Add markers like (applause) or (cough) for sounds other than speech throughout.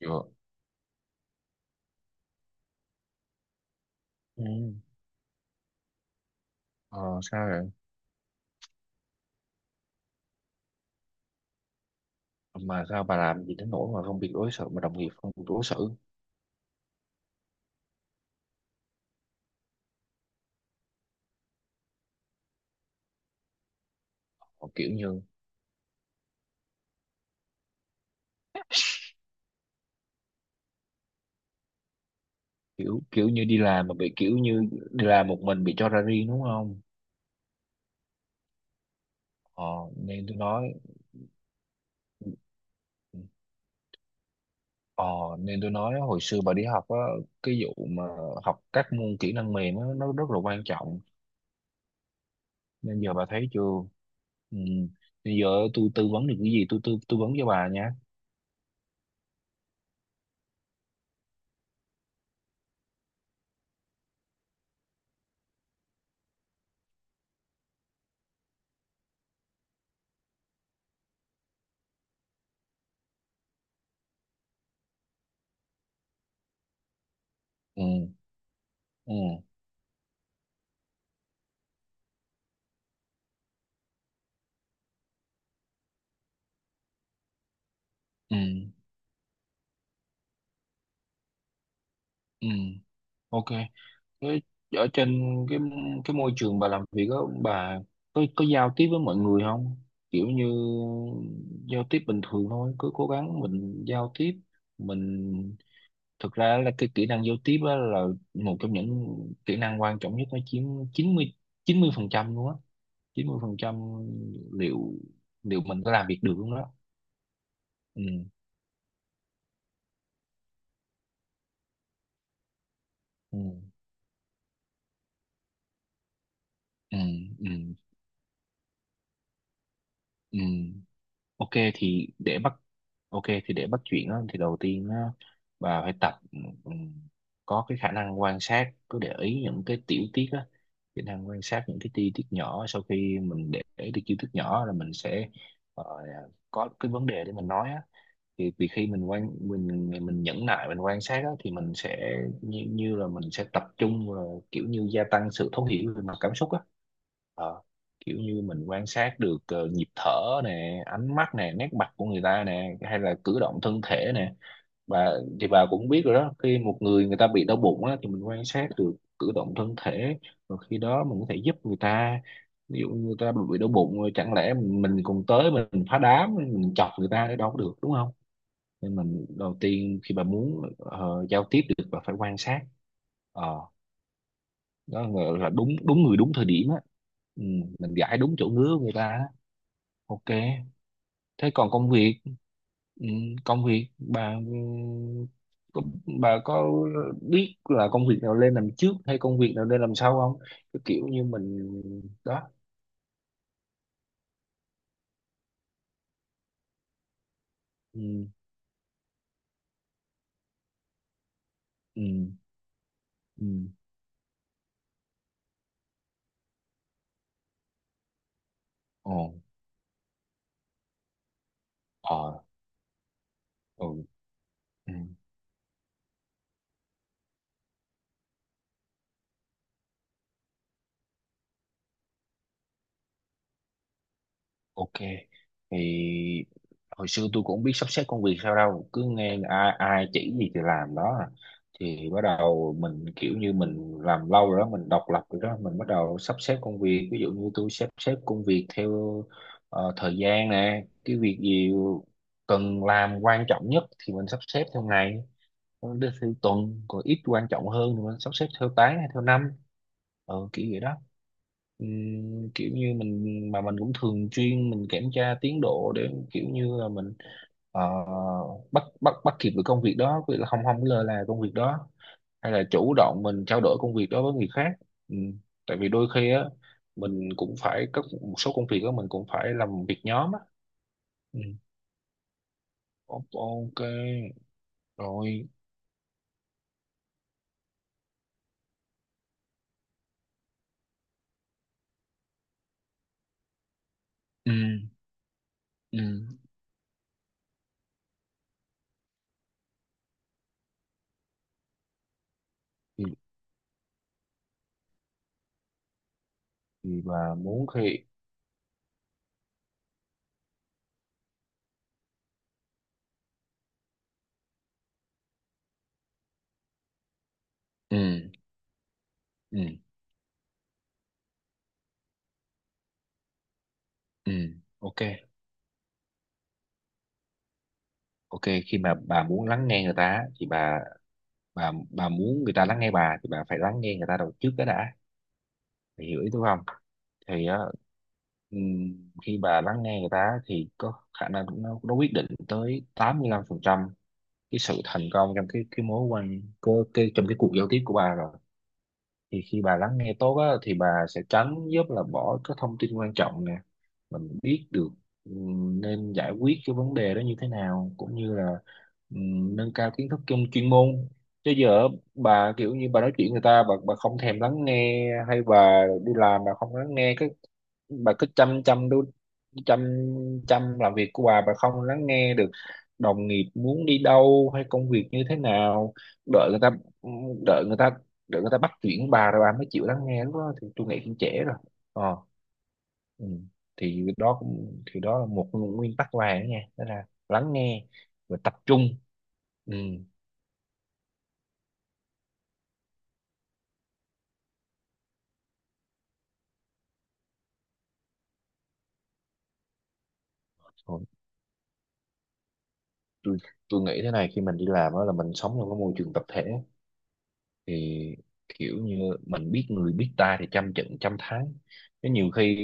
Dạ. Ừ. Ờ, sao vậy? Mà sao bà làm gì đến nỗi mà không bị đối xử mà đồng nghiệp không biết đối xử? Ờ, kiểu như đi làm mà bị kiểu như đi làm một mình bị cho ra riêng đúng không? Ờ, nên tôi nói ờ, nên tôi nói hồi xưa bà đi học á, cái vụ mà học các môn kỹ năng mềm á, nó rất là quan trọng. Nên giờ bà thấy chưa? Ừ. Bây giờ tôi tư vấn được cái gì tôi tư tư vấn cho bà nha. Ừ. Ừ. Ừ. Ừ. Ok. Với- ở trên cái cái môi trường bà làm việc đó, bà có giao tiếp với mọi người không, kiểu như giao tiếp bình thường thôi, cứ cố gắng mình giao tiếp. Mình thực ra là cái kỹ năng giao tiếp á là một trong những kỹ năng quan trọng nhất, nó chiếm chín mươi chín mươi phần trăm luôn á, 90% liệu liệu mình có làm việc được không đó. Ừ ừ. Ừ. Ừ. Ừ. Ok, thì để bắt ok thì để bắt chuyện á, thì đầu tiên á, bà phải tập, ừm, có cái khả năng quan sát, cứ để ý những cái tiểu tiết á, khả năng quan sát những cái chi tiết nhỏ. Sau khi mình để ý được chi tiết nhỏ là mình sẽ ờ, có cái vấn đề để mình nói á, thì vì khi mình quan mình nhẫn nại mình quan sát á, thì mình sẽ như là mình sẽ tập trung và kiểu như gia tăng sự thấu hiểu về mặt cảm xúc á. Ờ, kiểu như mình quan sát được nhịp thở nè, ánh mắt nè, nét mặt của người ta nè, hay là cử động thân thể nè. Bà thì bà cũng biết rồi đó, khi một người người ta bị đau bụng á thì mình quan sát được cử động thân thể, rồi khi đó mình có thể giúp người ta. Ví dụ người ta bị đau bụng rồi, chẳng lẽ mình còn tới mình phá đám, mình chọc người ta để đâu có được đúng không? Nên mình đầu tiên khi bà muốn giao tiếp được, bà phải quan sát. Ờ, đó là đúng đúng người đúng thời điểm á, ừ, mình gãi đúng chỗ ngứa của người ta á. Ok, thế còn công việc, ừ, công việc bà có- bà có biết là công việc nào lên làm trước hay công việc nào lên làm sau không? Cái kiểu như mình đó. Ừ. Ừ. Ừ. Ồ. Ờ. Ừ. Ừ. Ok, thì hồi xưa tôi cũng không biết sắp xếp công việc sao đâu, cứ nghe ai, ai chỉ gì thì làm đó à. Thì bắt đầu mình, kiểu như mình làm lâu rồi đó, mình độc lập rồi đó, mình bắt đầu sắp xếp công việc. Ví dụ như tôi sắp xếp công việc theo thời gian nè, cái việc gì cần làm quan trọng nhất thì mình sắp xếp theo ngày, còn đưa theo tuần, còn ít quan trọng hơn thì mình sắp xếp theo tháng hay theo năm. Ờ, kiểu vậy đó. Kiểu như mình mà mình cũng thường xuyên mình kiểm tra tiến độ để kiểu như là mình ờ, bắt bắt bắt kịp được công việc đó, vì là không không có lơ là công việc đó, hay là chủ động mình trao đổi công việc đó với người khác. Ừ. Tại vì đôi khi á mình cũng phải có một số công việc đó mình cũng phải làm việc nhóm á. Ừ. Ok. Rồi. Ừ. Ừ. Ừ. Thì bà muốn khi ừ ừ ừ. Ok. Ok, khi mà bà muốn lắng nghe người ta á, thì bà muốn người ta lắng nghe bà thì bà phải lắng nghe người ta đầu trước cái đã. Bà hiểu ý tôi không? Thì á, khi bà lắng nghe người ta á, thì có khả năng nó quyết định tới 85% cái sự thành công trong cái mối quan cơ cái trong cái cuộc giao tiếp của bà rồi. Thì khi bà lắng nghe tốt á, thì bà sẽ tránh giúp là bỏ các thông tin quan trọng, mình biết được ừ, nên giải quyết cái vấn đề đó như thế nào, cũng như là ừ, nâng cao kiến thức trong chuyên môn. Chứ giờ bà kiểu như bà nói chuyện người ta bà không thèm lắng nghe, hay bà đi làm bà không lắng nghe cái bà cứ chăm chăm đu chăm chăm làm việc của bà không lắng nghe được đồng nghiệp muốn đi đâu hay công việc như thế nào. đợi người ta đợi người ta Đợi người ta bắt chuyện bà rồi bà mới chịu lắng nghe, lúc đó thì tôi nghĩ cũng trễ rồi. Ờ. Ừ. Thì đó cũng thì đó là một nguyên tắc vàng đó nha, đó là lắng nghe và tập trung. Ừ. Còn tôi tôi nghĩ thế này, khi mình đi làm đó là mình sống trong cái môi trường tập thể, thì kiểu như mình biết người biết ta thì trăm trận trăm thắng. Chứ nhiều khi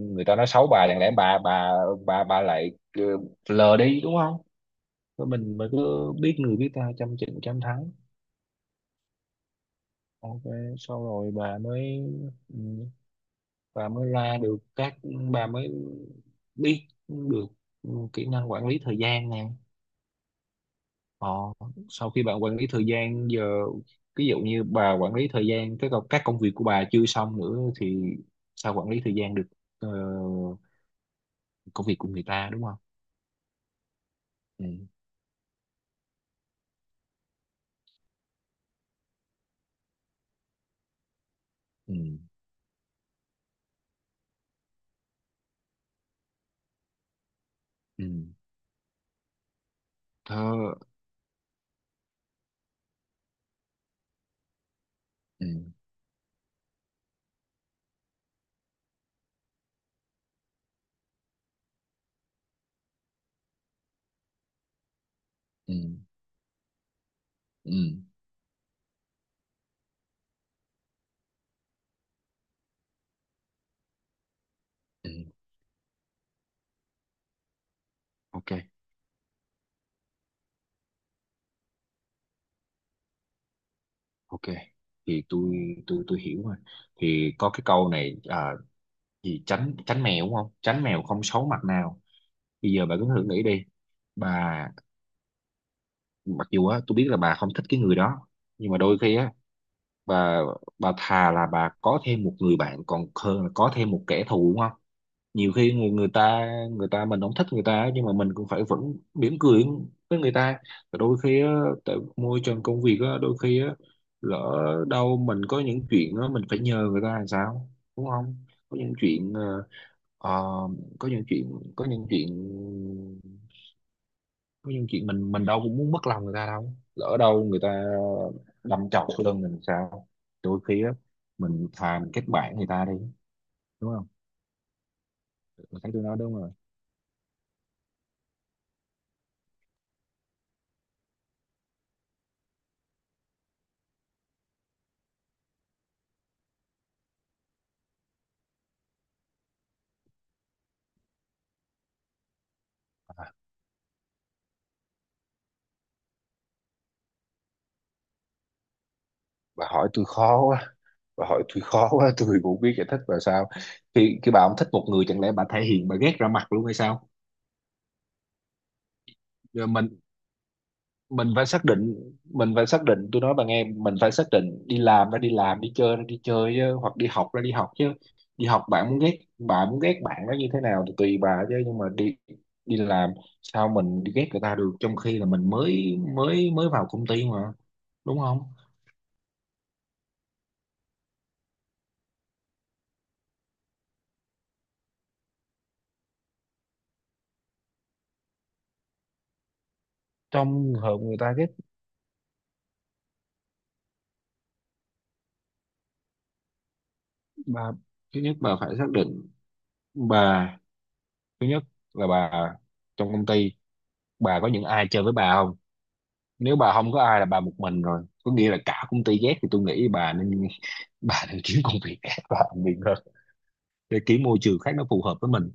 người ta nói xấu bà, chẳng lẽ bà bà lại lờ đi đúng không? Rồi mình mới cứ biết người biết ta trăm trận trăm thắng. Ok, sau rồi bà mới ừ, và mới ra được các bà mới biết được kỹ năng quản lý thời gian nè. Họ sau khi bạn quản lý thời gian giờ, ví dụ như bà quản lý thời gian các công việc của bà chưa xong nữa thì sao quản lý thời gian được ờ, công việc của người ta đúng không? Ừ. Ừ. Ừ. Thơ. Ừ. Ừ. Ừ. Ừ. Ok. Ok, thì tôi tôi hiểu rồi, thì có cái câu này gì tránh tránh mèo đúng không, tránh mèo không xấu mặt nào. Bây giờ bà cứ thử nghĩ đi, bà mặc dù á tôi biết là bà không thích cái người đó, nhưng mà đôi khi á bà bà thà là bà có thêm một người bạn còn hơn là có thêm một kẻ thù đúng không? Nhiều khi người người ta mình không thích người ta á, nhưng mà mình cũng phải vẫn mỉm cười với người ta. Và đôi khi á tại môi trường công việc á đôi khi á lỡ đâu mình có những chuyện á mình phải nhờ người ta làm sao đúng không? Có những chuyện ờ, ờ, có những chuyện có những chuyện Có những chuyện mình đâu cũng muốn mất lòng người ta đâu, lỡ đâu người ta đâm chọc sau lưng mình sao? Đôi khi á mình thà mình kết bạn người ta đi đúng không? Bà thấy tôi nói đúng rồi. à, bà hỏi tôi khó quá, bà hỏi tôi khó quá tôi cũng biết giải thích và sao? Khi khi bà không thích một người chẳng lẽ bà thể hiện bà ghét ra mặt luôn hay sao? Rồi mình, mình phải xác định mình phải xác định tôi nói bạn nghe, mình phải xác định đi làm ra đi làm, đi chơi ra đi chơi chứ, hoặc đi học ra đi học chứ. Đi học bạn muốn ghét bạn muốn ghét bạn nó như thế nào thì tùy bà chứ, nhưng mà đi đi làm sao mình đi ghét người ta được, trong khi là mình mới mới mới vào công ty mà đúng không? Trong trường hợp người ta ghét bà, thứ nhất bà phải xác định bà, thứ nhất là bà trong công ty bà có những ai chơi với bà không? Nếu bà không có ai là bà một mình rồi, có nghĩa là cả công ty ghét thì tôi nghĩ bà nên (laughs) bà nên kiếm công việc khác và làm việc hơn, để kiếm môi trường khác nó phù hợp với mình.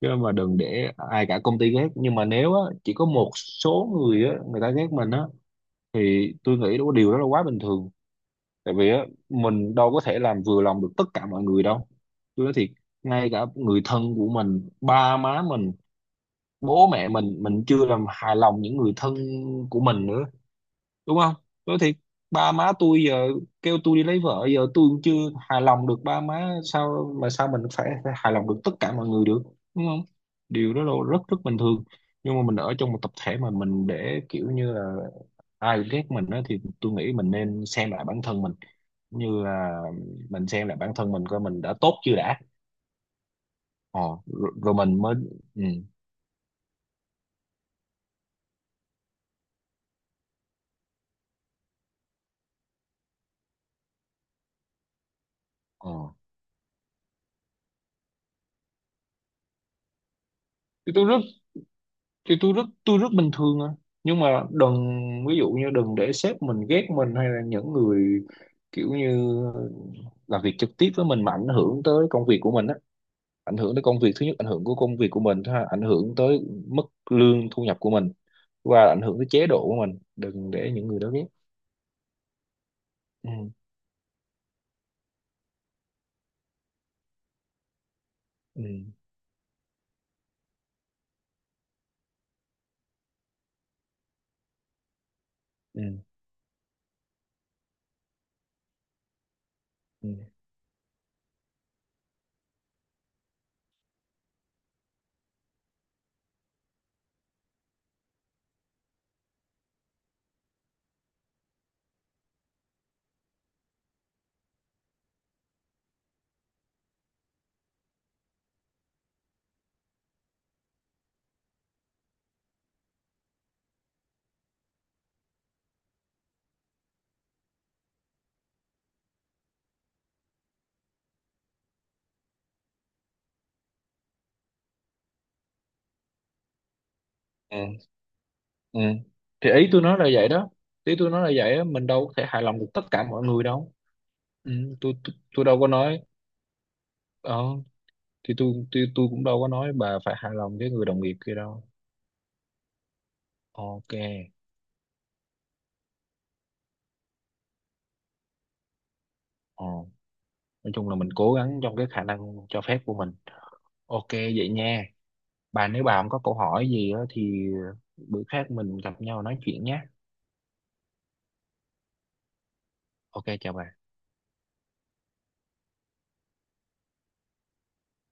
Chứ mà đừng để ai cả công ty ghét, nhưng mà nếu á, chỉ có một số người á, người ta ghét mình á thì tôi nghĩ đó điều đó là quá bình thường. Tại vì á, mình đâu có thể làm vừa lòng được tất cả mọi người đâu, tôi nói thiệt. Ngay cả người thân của mình, ba má mình, bố mẹ mình chưa làm hài lòng những người thân của mình nữa đúng không? Nói thiệt, ba má tôi giờ kêu tôi đi lấy vợ giờ tôi cũng chưa hài lòng được ba má, sao mà sao mình phải hài lòng được tất cả mọi người được đúng không? Điều đó là rất rất bình thường. Nhưng mà mình ở trong một tập thể mà mình để kiểu như là ai ghét mình á thì tôi nghĩ mình nên xem lại bản thân mình, như là mình xem lại bản thân mình coi mình đã tốt chưa đã. Ờ, rồi mình mới ừ, ờ. Thì tôi rất thì tôi rất bình thường à, nhưng mà đừng, ví dụ như đừng để sếp mình ghét mình, hay là những người kiểu như làm việc trực tiếp với mình mà ảnh hưởng tới công việc của mình á. Ảnh hưởng tới công việc, thứ nhất ảnh hưởng của công việc của mình, thứ hai ảnh hưởng tới mức lương thu nhập của mình, và ảnh hưởng tới chế độ của mình, đừng để những người đó ghét. Ừ. Ừ. Ừ. Ừ. Ừ. Ừ. Thì ý tôi nói là vậy đó, ý tôi nói là vậy á, mình đâu có thể hài lòng được tất cả mọi người đâu. Ừ, tôi đâu có nói, ờ, thì tôi cũng đâu có nói bà phải hài lòng với người đồng nghiệp kia đâu. Ok. Ờ. Nói chung là mình cố gắng trong cái khả năng cho phép của mình, ok vậy nha. Bà nếu bà không có câu hỏi gì á thì bữa khác mình gặp nhau nói chuyện nhé. Ok, chào bà.